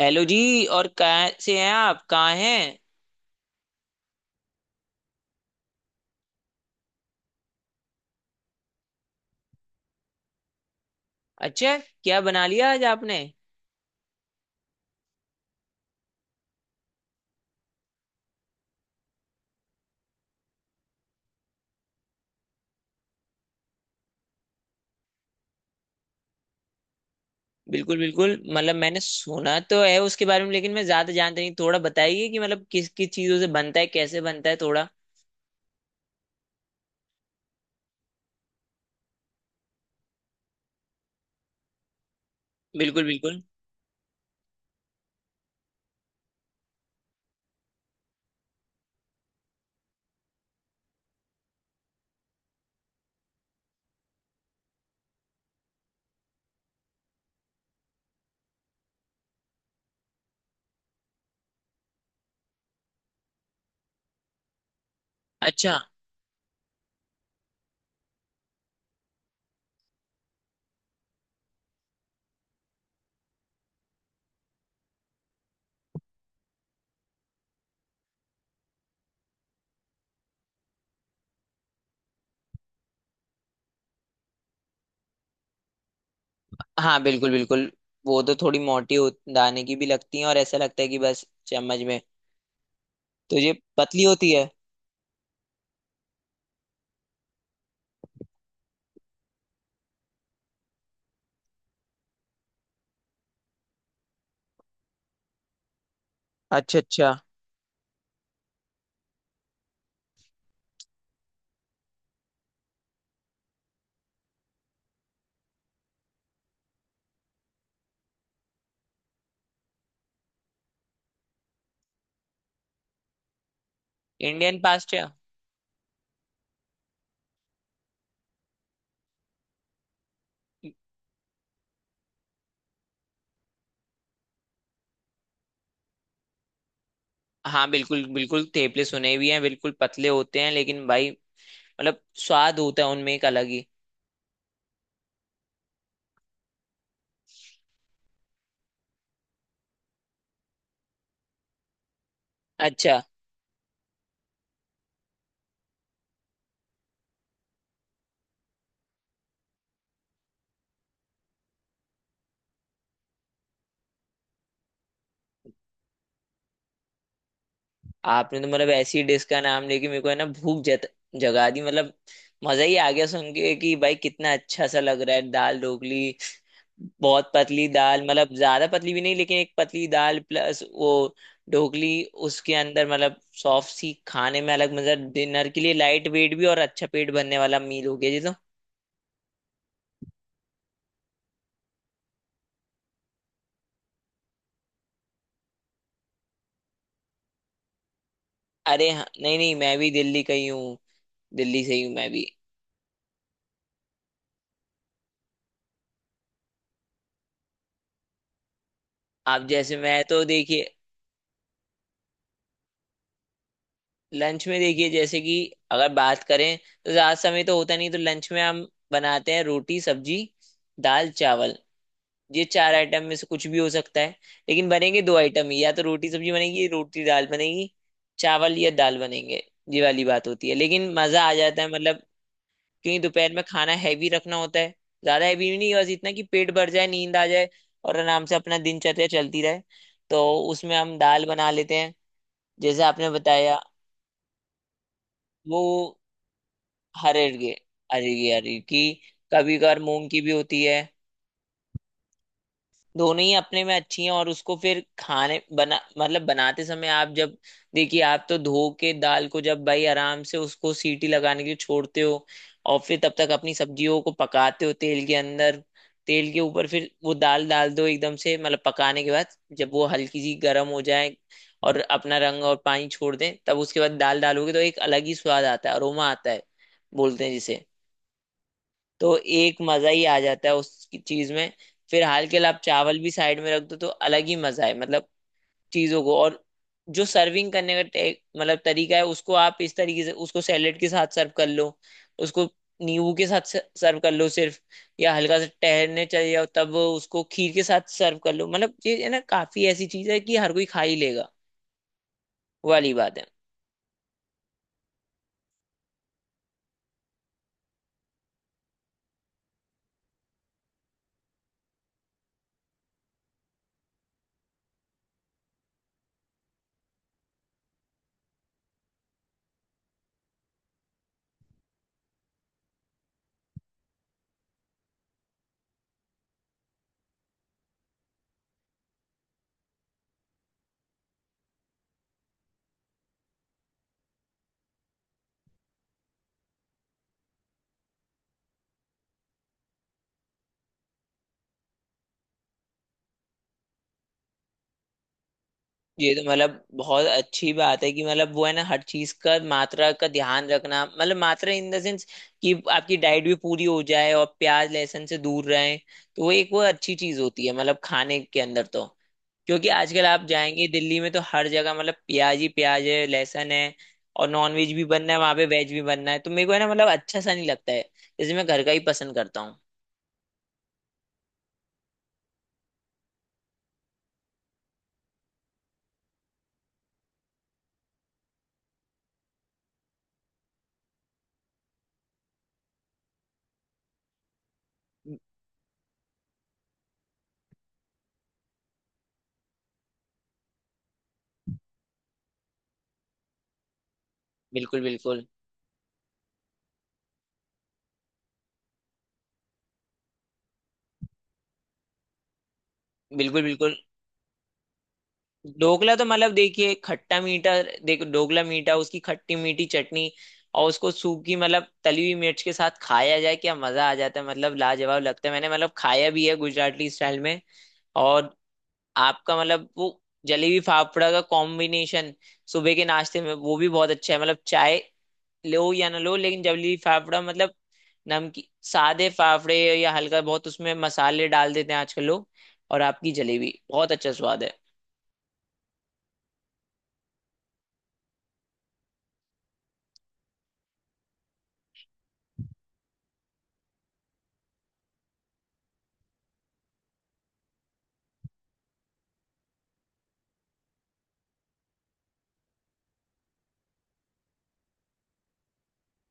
Hello जी। और कहाँ से हैं आप? कहाँ हैं? अच्छा। क्या बना लिया आज आपने? बिल्कुल बिल्कुल। मतलब मैंने सुना तो है उसके बारे में, लेकिन मैं ज्यादा जानता नहीं। थोड़ा बताइए कि मतलब किस किस चीजों से बनता है, कैसे बनता है थोड़ा। बिल्कुल बिल्कुल। अच्छा। हाँ बिल्कुल बिल्कुल। वो तो थोड़ी मोटी दाने की भी लगती है, और ऐसा लगता है कि बस चम्मच में। तो ये पतली होती है। अच्छा अच्छा। Indian pasta? हाँ बिल्कुल बिल्कुल। थेपले सुने भी हैं, बिल्कुल पतले होते हैं, लेकिन भाई मतलब स्वाद होता है उनमें एक अलग ही। अच्छा। आपने तो मतलब ऐसी डिश का नाम लेके मेरे को है ना भूख जगा दी मतलब। मजा ही आ गया सुन के कि भाई कितना अच्छा सा लग रहा है दाल ढोकली। बहुत पतली दाल, मतलब ज्यादा पतली भी नहीं, लेकिन एक पतली दाल प्लस वो ढोकली उसके अंदर, मतलब सॉफ्ट सी खाने में अलग, मतलब डिनर के लिए लाइट वेट भी और अच्छा पेट भरने वाला मील हो गया जी तो। अरे हाँ, नहीं नहीं, मैं भी दिल्ली का ही हूँ। दिल्ली से ही हूँ मैं भी। आप जैसे मैं तो देखिए। लंच में देखिए जैसे कि, अगर बात करें तो ज्यादा समय तो होता नहीं, तो लंच में हम बनाते हैं रोटी सब्जी, दाल चावल। ये चार आइटम में से कुछ भी हो सकता है, लेकिन बनेंगे दो आइटम ही। या तो रोटी सब्जी बनेगी, रोटी दाल बनेगी, चावल या दाल बनेंगे। ये वाली बात होती है, लेकिन मजा आ जाता है मतलब। क्योंकि दोपहर में खाना हैवी रखना होता है, ज्यादा हैवी भी नहीं, बस इतना कि पेट भर जाए, नींद आ जाए और आराम से अपना दिनचर्या चलती रहे। तो उसमें हम दाल बना लेते हैं, जैसे आपने बताया। वो, हर अरगे, अरगी अरगी। कभी कभार मूंग की भी होती है। दोनों ही अपने में अच्छी हैं, और उसको फिर खाने बना मतलब बनाते समय आप जब, देखिए आप तो धो के दाल को जब भाई आराम से उसको सीटी लगाने के लिए छोड़ते हो, और फिर तब तक अपनी सब्जियों को पकाते हो तेल के अंदर। तेल के ऊपर फिर वो दाल डाल दो एकदम से मतलब पकाने के बाद, जब वो हल्की सी गर्म हो जाए और अपना रंग और पानी छोड़ दे, तब उसके बाद दाल डालोगे तो एक अलग ही स्वाद आता है, अरोमा आता है बोलते हैं जिसे। तो एक मजा ही आ जाता है उस चीज में। फिर हाल के लिए आप चावल भी साइड में रख दो तो अलग ही मजा है मतलब। चीजों को, और जो सर्विंग करने का मतलब तरीका है, उसको आप इस तरीके से उसको सैलेड के साथ सर्व कर लो, उसको नींबू के साथ सर्व कर लो सिर्फ, या हल्का सा टहलने चले जाओ तब उसको खीर के साथ सर्व कर लो। मतलब ये है ना, काफी ऐसी चीज है कि हर कोई खा ही लेगा, वो वाली बात है। ये तो मतलब बहुत अच्छी बात है कि मतलब वो है ना हर चीज का मात्रा का ध्यान रखना, मतलब मात्रा इन द सेंस कि आपकी डाइट भी पूरी हो जाए और प्याज लहसुन से दूर रहें। तो वो एक वो अच्छी चीज होती है मतलब खाने के अंदर तो। क्योंकि आजकल आप जाएंगे दिल्ली में तो हर जगह मतलब प्याज ही प्याज है, लहसुन है। और नॉन वेज भी बनना है वहां पे, वेज भी बनना है, तो मेरे को है ना मतलब अच्छा सा नहीं लगता है, इसलिए मैं घर का ही पसंद करता हूँ। बिल्कुल बिल्कुल। बिल्कुल बिल्कुल। ढोकला तो मतलब देखिए खट्टा मीठा। देखो ढोकला मीठा, उसकी खट्टी मीठी चटनी, और उसको सूखी मतलब तली हुई मिर्च के साथ खाया जाए, क्या मजा आ जाता है! मतलब लाजवाब लगता है, मैंने मतलब खाया भी है गुजराती स्टाइल में। और आपका मतलब वो जलेबी फाफड़ा का कॉम्बिनेशन, सुबह के नाश्ते में वो भी बहुत अच्छा है। मतलब चाय लो या ना लो, लेकिन जलेबी फाफड़ा मतलब, नमकीन, सादे फाफड़े, या हल्का बहुत उसमें मसाले डाल देते हैं आजकल लोग, और आपकी जलेबी बहुत अच्छा स्वाद है।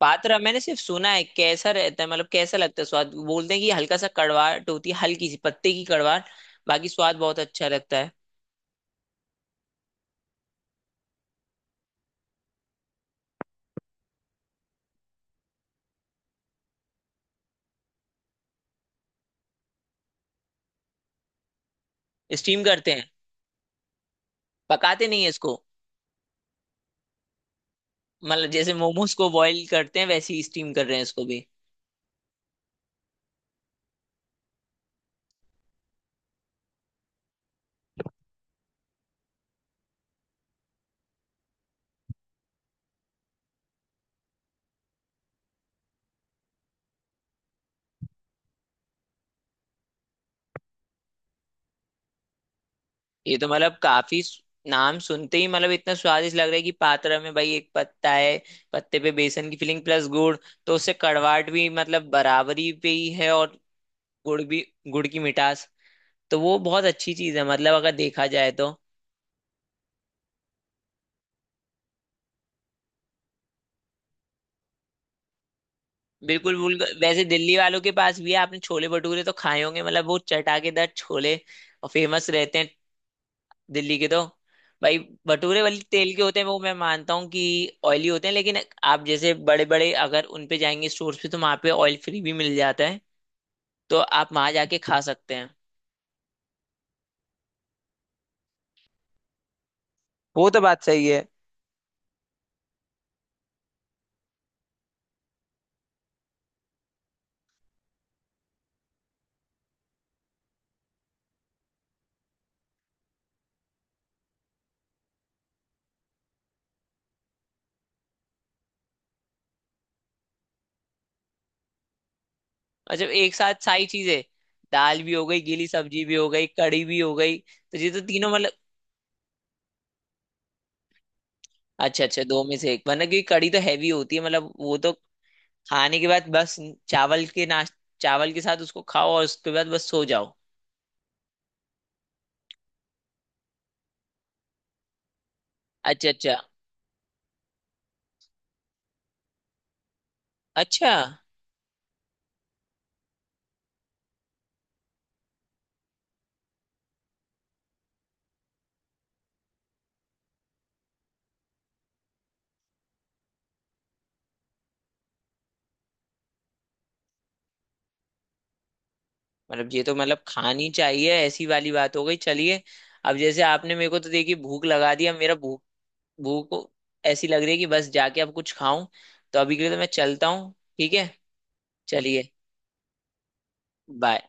पातरा मैंने सिर्फ सुना है, कैसा रहता है मतलब? कैसा लगता है स्वाद? बोलते हैं कि हल्का सा कड़वाहट होती है, हल्की सी पत्ते की कड़वाहट, बाकी स्वाद बहुत अच्छा लगता है। स्टीम करते हैं? पकाते नहीं है इसको? मतलब जैसे मोमोज को बॉईल करते हैं वैसे ही स्टीम कर रहे हैं इसको भी। ये तो मतलब काफी नाम सुनते ही मतलब इतना स्वादिष्ट लग रहा है कि पातरा में भाई एक पत्ता है, पत्ते पे बेसन की फिलिंग प्लस गुड़, तो उससे कड़वाहट भी मतलब बराबरी पे ही है और गुड़ भी, गुड़ की मिठास, तो वो बहुत अच्छी चीज है मतलब अगर देखा जाए तो। बिल्कुल बिल्कुल। वैसे दिल्ली वालों के पास भी है, आपने छोले भटूरे तो खाए होंगे मतलब वो चटाकेदार छोले, और फेमस रहते हैं दिल्ली के तो भाई। भटूरे वाली तेल के होते हैं वो, मैं मानता हूँ कि ऑयली होते हैं, लेकिन आप जैसे बड़े बड़े अगर उन पे जाएंगे स्टोर्स पे, तो वहाँ पे ऑयल फ्री भी मिल जाता है, तो आप वहाँ जाके खा सकते हैं। वो तो बात सही है। अच्छा, एक साथ सारी चीजें? दाल भी हो गई, गीली सब्जी भी हो गई, कड़ी भी हो गई, तो ये तो तीनों मतलब। अच्छा अच्छा, दो में से एक, वरना क्योंकि कड़ी तो हैवी होती है मतलब वो तो, खाने के बाद बस, चावल के नाश, चावल के साथ उसको खाओ और उसके बाद बस सो जाओ। अच्छा अच्छा। अच्छा। मतलब ये तो मतलब खानी चाहिए, ऐसी वाली बात हो गई, चलिए। अब जैसे आपने मेरे को तो देखिए भूख लगा दिया, मेरा भूख। भूख ऐसी लग रही है कि बस जाके अब कुछ खाऊं। तो अभी के लिए तो मैं चलता हूँ। ठीक है? चलिए। बाय।